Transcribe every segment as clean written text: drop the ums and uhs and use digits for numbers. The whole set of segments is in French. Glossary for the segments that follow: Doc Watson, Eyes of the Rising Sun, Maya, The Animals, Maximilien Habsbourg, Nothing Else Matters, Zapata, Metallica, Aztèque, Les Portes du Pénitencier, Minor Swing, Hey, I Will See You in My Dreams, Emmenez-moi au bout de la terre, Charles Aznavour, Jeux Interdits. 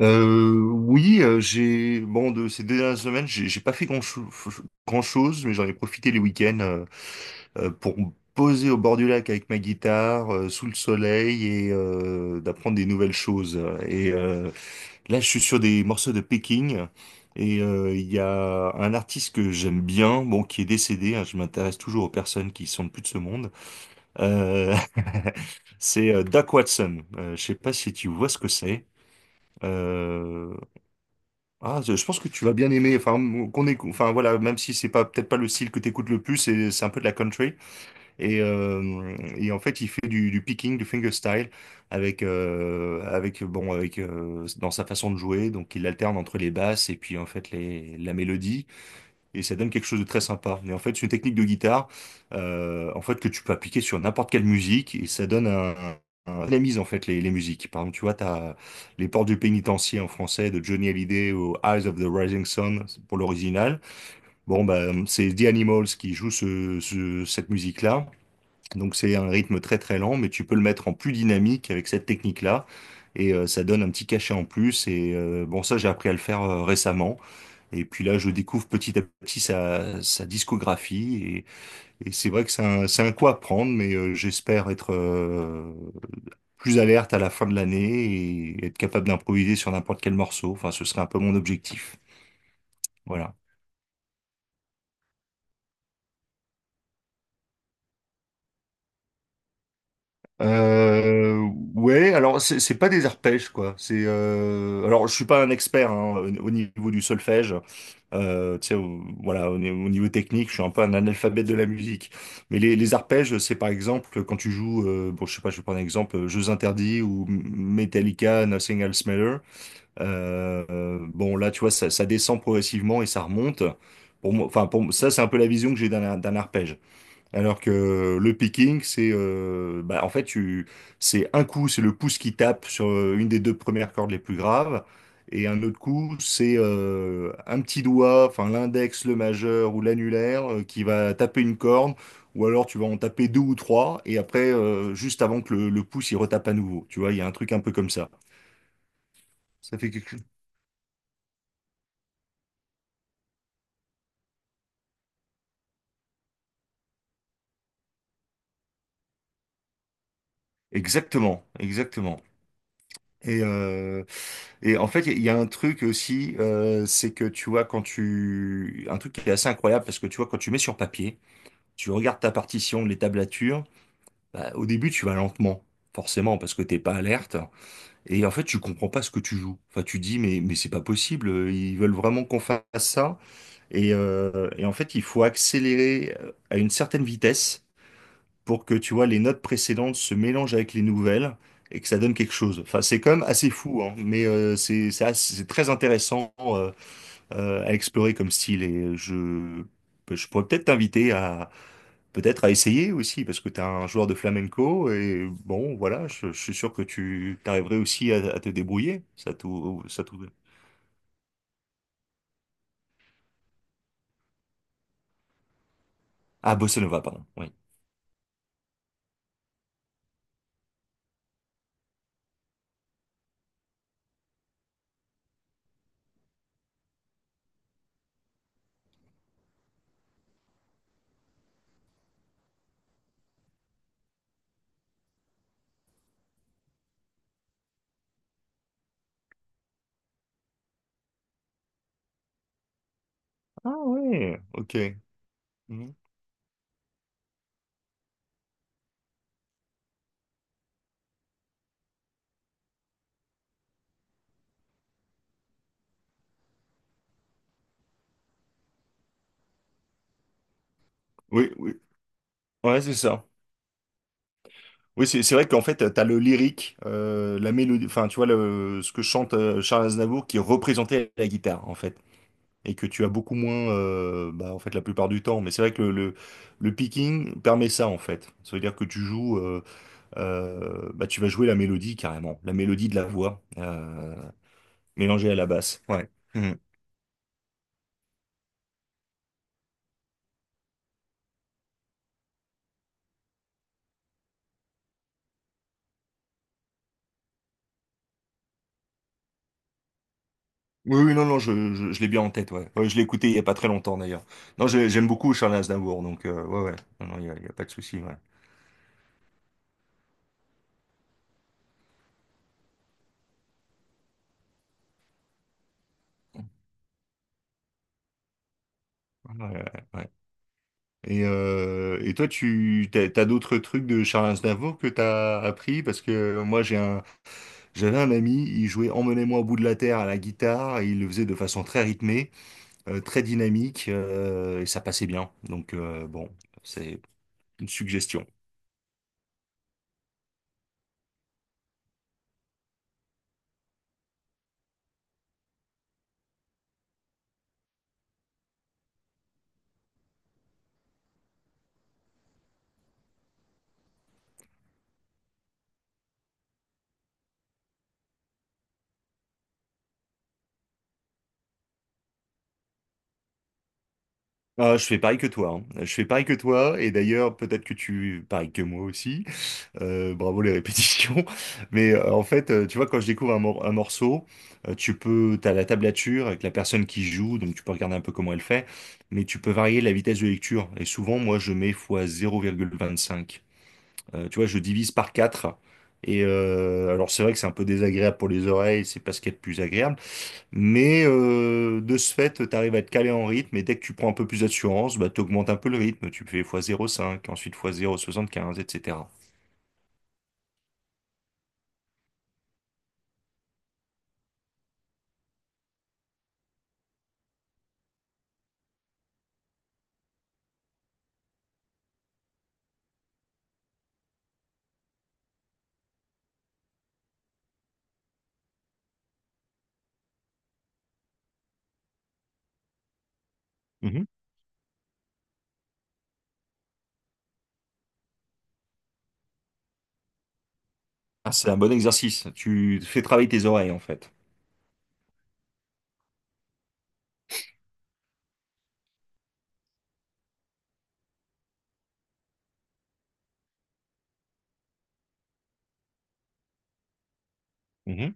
Oui, j'ai bon de ces dernières semaines, j'ai pas fait grand chose, mais j'en ai profité les week-ends pour me poser au bord du lac avec ma guitare, sous le soleil et d'apprendre des nouvelles choses. Et là, je suis sur des morceaux de Peking et il y a un artiste que j'aime bien, bon qui est décédé, hein. Je m'intéresse toujours aux personnes qui sont plus de ce monde. Euh, c'est Doc Watson. Je sais pas si tu vois ce que c'est. Euh, je pense que tu vas bien aimer. Enfin, qu'on est, enfin voilà, même si c'est pas peut-être pas le style que t'écoutes le plus, c'est un peu de la country. Et en fait, il fait du picking, du fingerstyle, avec avec bon, avec dans sa façon de jouer. Donc, il alterne entre les basses et puis en fait les la mélodie et ça donne quelque chose de très sympa. Mais en fait, c'est une technique de guitare, en fait, que tu peux appliquer sur n'importe quelle musique et ça donne un dynamise en fait les musiques. Par exemple, tu vois, t'as Les Portes du Pénitencier en français de Johnny Hallyday au Eyes of the Rising Sun pour l'original. Bon, bah, c'est The Animals qui joue cette musique-là. Donc c'est un rythme très très lent, mais tu peux le mettre en plus dynamique avec cette technique-là. Et ça donne un petit cachet en plus. Et bon, ça, j'ai appris à le faire récemment. Et puis là, je découvre petit à petit sa discographie. Et c'est vrai que c'est un coup à prendre, mais j'espère être plus alerte à la fin de l'année et être capable d'improviser sur n'importe quel morceau. Enfin, ce serait un peu mon objectif. Voilà. Ouais, alors c'est pas des arpèges quoi. C'est alors je suis pas un expert hein, au niveau du solfège. Tu sais, voilà, au, ni- au niveau technique, je suis un peu un analphabète de la musique. Mais les arpèges, c'est par exemple quand tu joues, bon, je sais pas, je vais prendre un exemple, Jeux Interdits ou Metallica, Nothing Else Matter. Bon, là, tu vois, ça descend progressivement et ça remonte. Pour moi, enfin, ça, c'est un peu la vision que j'ai d'un arpège. Alors que le picking, c'est bah, en fait tu c'est un coup, c'est le pouce qui tape sur une des deux premières cordes les plus graves, et un autre coup, c'est un petit doigt, enfin l'index, le majeur ou l'annulaire qui va taper une corde, ou alors tu vas en taper deux ou trois, et après juste avant que le pouce il retape à nouveau. Tu vois, il y a un truc un peu comme ça. Ça fait quelque chose. Exactement, exactement. Et, euh, Et en fait, il y a un truc aussi, c'est que tu vois, quand tu... Un truc qui est assez incroyable, parce que tu vois, quand tu mets sur papier, tu regardes ta partition, les tablatures, bah, au début, tu vas lentement, forcément, parce que t'es pas alerte. Et en fait, tu comprends pas ce que tu joues. Enfin, tu dis, mais c'est pas possible, ils veulent vraiment qu'on fasse ça. Et en fait, il faut accélérer à une certaine vitesse pour que, tu vois, les notes précédentes se mélangent avec les nouvelles et que ça donne quelque chose. Enfin, c'est quand même assez fou, hein, mais c'est c'est très intéressant à explorer comme style et ben, je pourrais peut-être t'inviter à peut-être à essayer aussi parce que tu es un joueur de flamenco et bon, voilà, je suis sûr que tu t'arriverais aussi à te débrouiller. Ça tout, ça tout. Ah, bossa nova, pardon. Oui. Ah ouais, ok. Mhm. Oui, oui. Ouais, c'est ça. Oui, c'est vrai qu'en fait, t'as le lyrique, la mélodie, enfin, tu vois, ce que chante Charles Aznavour qui est représenté à la guitare, en fait. Et que tu as beaucoup moins, bah, en fait, la plupart du temps. Mais c'est vrai que le picking permet ça, en fait. Ça veut dire que tu joues, bah, tu vas jouer la mélodie carrément, la mélodie de la voix, mélangée à la basse. Ouais. Mhm. Oui, oui, non, non, je l'ai bien en tête, ouais. Ouais, je l'ai écouté il y a pas très longtemps, d'ailleurs. Non, j'ai- J'aime beaucoup Charles Aznavour, donc, ouais, ouais. Non, non, il y a pas de souci, ouais. Ouais, ouais, ouais. Et toi, t'as d'autres trucs de Charles Aznavour que t'as appris? Parce que moi, j'avais un ami, il jouait Emmenez-moi au bout de la terre à la guitare, et il le faisait de façon très rythmée, très dynamique, et ça passait bien. Donc bon, c'est une suggestion. Ah, je fais pareil que toi, hein. Je fais pareil que toi, et d'ailleurs, peut-être que pareil que moi aussi. Bravo les répétitions. Mais en fait, tu vois, quand je découvre un morceau, tu peux, t'as la tablature avec la personne qui joue, donc tu peux regarder un peu comment elle fait, mais tu peux varier la vitesse de lecture. Et souvent, moi, je mets fois 0,25. Tu vois, je divise par 4. Et alors, c'est vrai que c'est un peu désagréable pour les oreilles, c'est pas ce qu'il y a de plus agréable, mais de ce fait, t'arrives à te caler en rythme, et dès que tu prends un peu plus d'assurance, bah, t'augmentes un peu le rythme, tu fais fois zéro virgule cinq, ensuite fois 0,75, etc. Ah, c'est un bon exercice. Tu fais travailler tes oreilles, en fait. Mhm.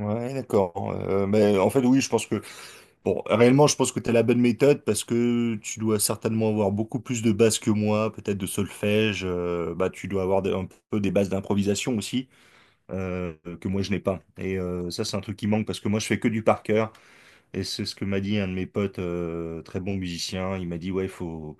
Ouais, d'accord. Mais en fait, oui, je pense que, bon, réellement, je pense que tu as la bonne méthode parce que tu dois certainement avoir beaucoup plus de bases que moi, peut-être de solfège. Bah, tu dois avoir un peu des bases d'improvisation aussi euh, que moi je n'ai pas. Et ça, c'est un truc qui manque parce que moi, je fais que du par cœur. Et c'est ce que m'a dit un de mes potes, très bon musicien. Il m'a dit, ouais, faut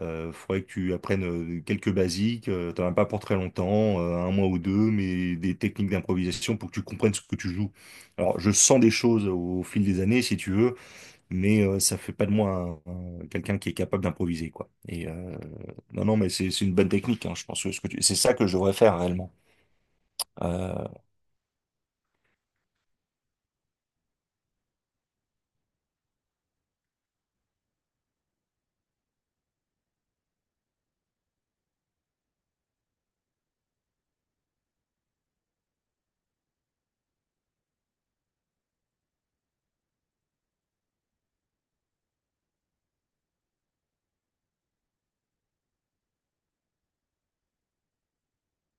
Il faudrait que tu apprennes quelques basiques, t'en as pas pour très longtemps, un mois ou deux, mais des techniques d'improvisation pour que tu comprennes ce que tu joues. Alors, je sens des choses au fil des années, si tu veux, mais ça fait pas de moi quelqu'un qui est capable d'improviser, quoi. Non, non, mais c'est une bonne technique, hein, je pense que c'est ça que je devrais faire réellement. Euh,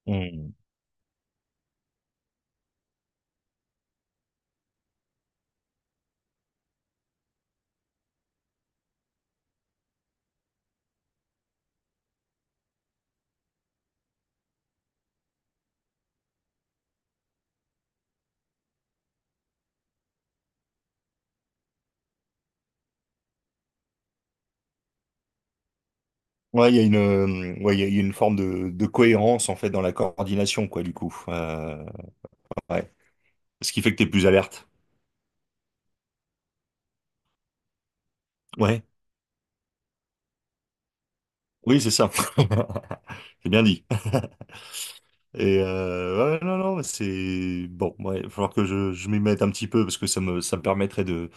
on- Ouais, il y a une, ouais, il y a une forme de cohérence en fait dans la coordination, quoi, du coup. Ouais. Ce qui fait que t'es plus alerte. Ouais. Oui, c'est ça. J'ai bien dit. Et ouais, non, non, mais c'est bon. Ouais, il va falloir que je m'y mette un petit peu parce que ça me permettrait de,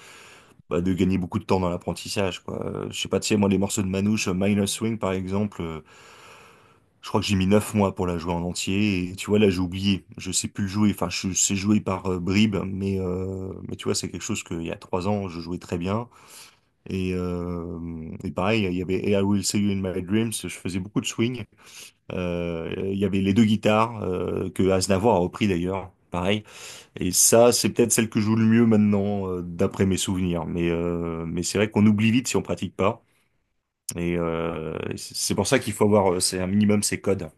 bah, de gagner beaucoup de temps dans l'apprentissage, quoi. Je sais pas, tu sais, moi, les morceaux de Manouche, Minor Swing, par exemple, je crois que j'ai mis 9 mois pour la jouer en entier. Et tu vois, là, j'ai oublié. Je sais plus le jouer. Enfin, je sais jouer par bribes, mais tu vois, c'est quelque chose qu'il y a 3 ans, je jouais très bien. Et, euh, et pareil, il y avait Hey, I Will See You in My Dreams. Je faisais beaucoup de swing. Il y avait les deux guitares que Aznavour a repris d'ailleurs, pareil. Et ça, c'est peut-être celle que je joue le mieux maintenant, d'après mes souvenirs. Mais c'est vrai qu'on oublie vite si on pratique pas. Et c'est pour ça qu'il faut avoir, c'est un minimum ces codes.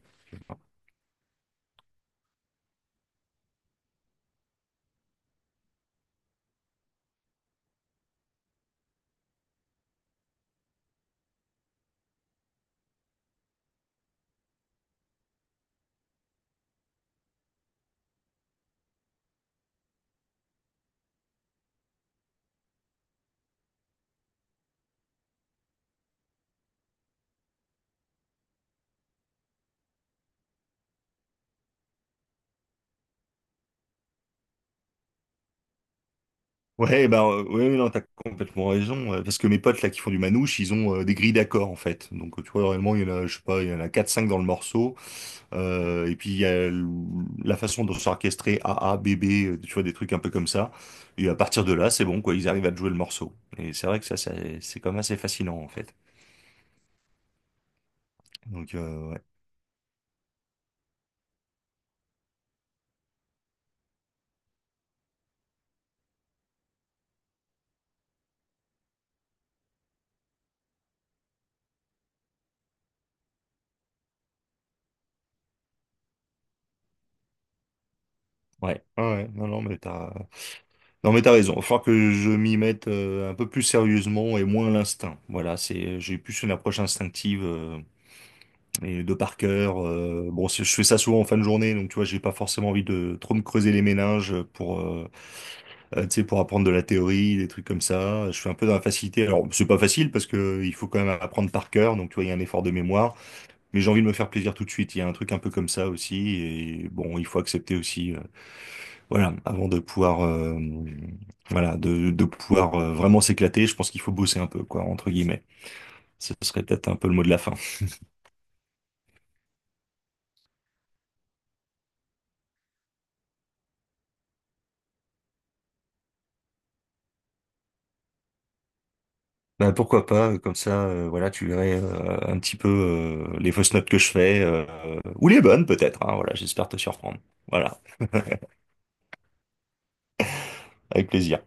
Ouais, bah ouais, non, t'as complètement raison. Parce que mes potes là qui font du manouche, ils ont des grilles d'accords en fait. Donc tu vois, réellement, il y en a, je sais pas, il y en a quatre cinq dans le morceau. Et puis il y a l- la façon de s'orchestrer AA, B B, tu vois, des trucs un peu comme ça. Et à partir de là, c'est bon, quoi, ils arrivent à te jouer le morceau. Et c'est vrai que c'est quand même assez fascinant, en fait. Donc, ouais. Ouais, ouais, ouais. Non, non, non, mais t'as raison. Il faut que je m'y mette un peu plus sérieusement et moins à l'instinct. Voilà, c'est, j'ai plus une approche instinctive et de par cœur. Bon, je fais ça souvent en fin de journée, donc tu vois, j'ai pas forcément envie de trop me creuser les méninges pour, tu sais, pour apprendre de la théorie, des trucs comme ça. Je suis un peu dans la facilité. Alors, c'est pas facile parce que il faut quand même apprendre par cœur, donc tu vois, il y a un effort de mémoire. Mais j'ai envie de me faire plaisir tout de suite. Il y a un truc un peu comme ça aussi. Et bon, il faut accepter aussi, voilà, avant de pouvoir, voilà, de pouvoir vraiment s'éclater. Je pense qu'il faut bosser un peu, quoi, entre guillemets. Ce serait peut-être un peu le mot de la fin. Bah pourquoi pas, comme ça, voilà, tu verrais un petit peu les fausses notes que je fais, ou les bonnes peut-être, hein, voilà, j'espère te surprendre. Voilà, avec plaisir.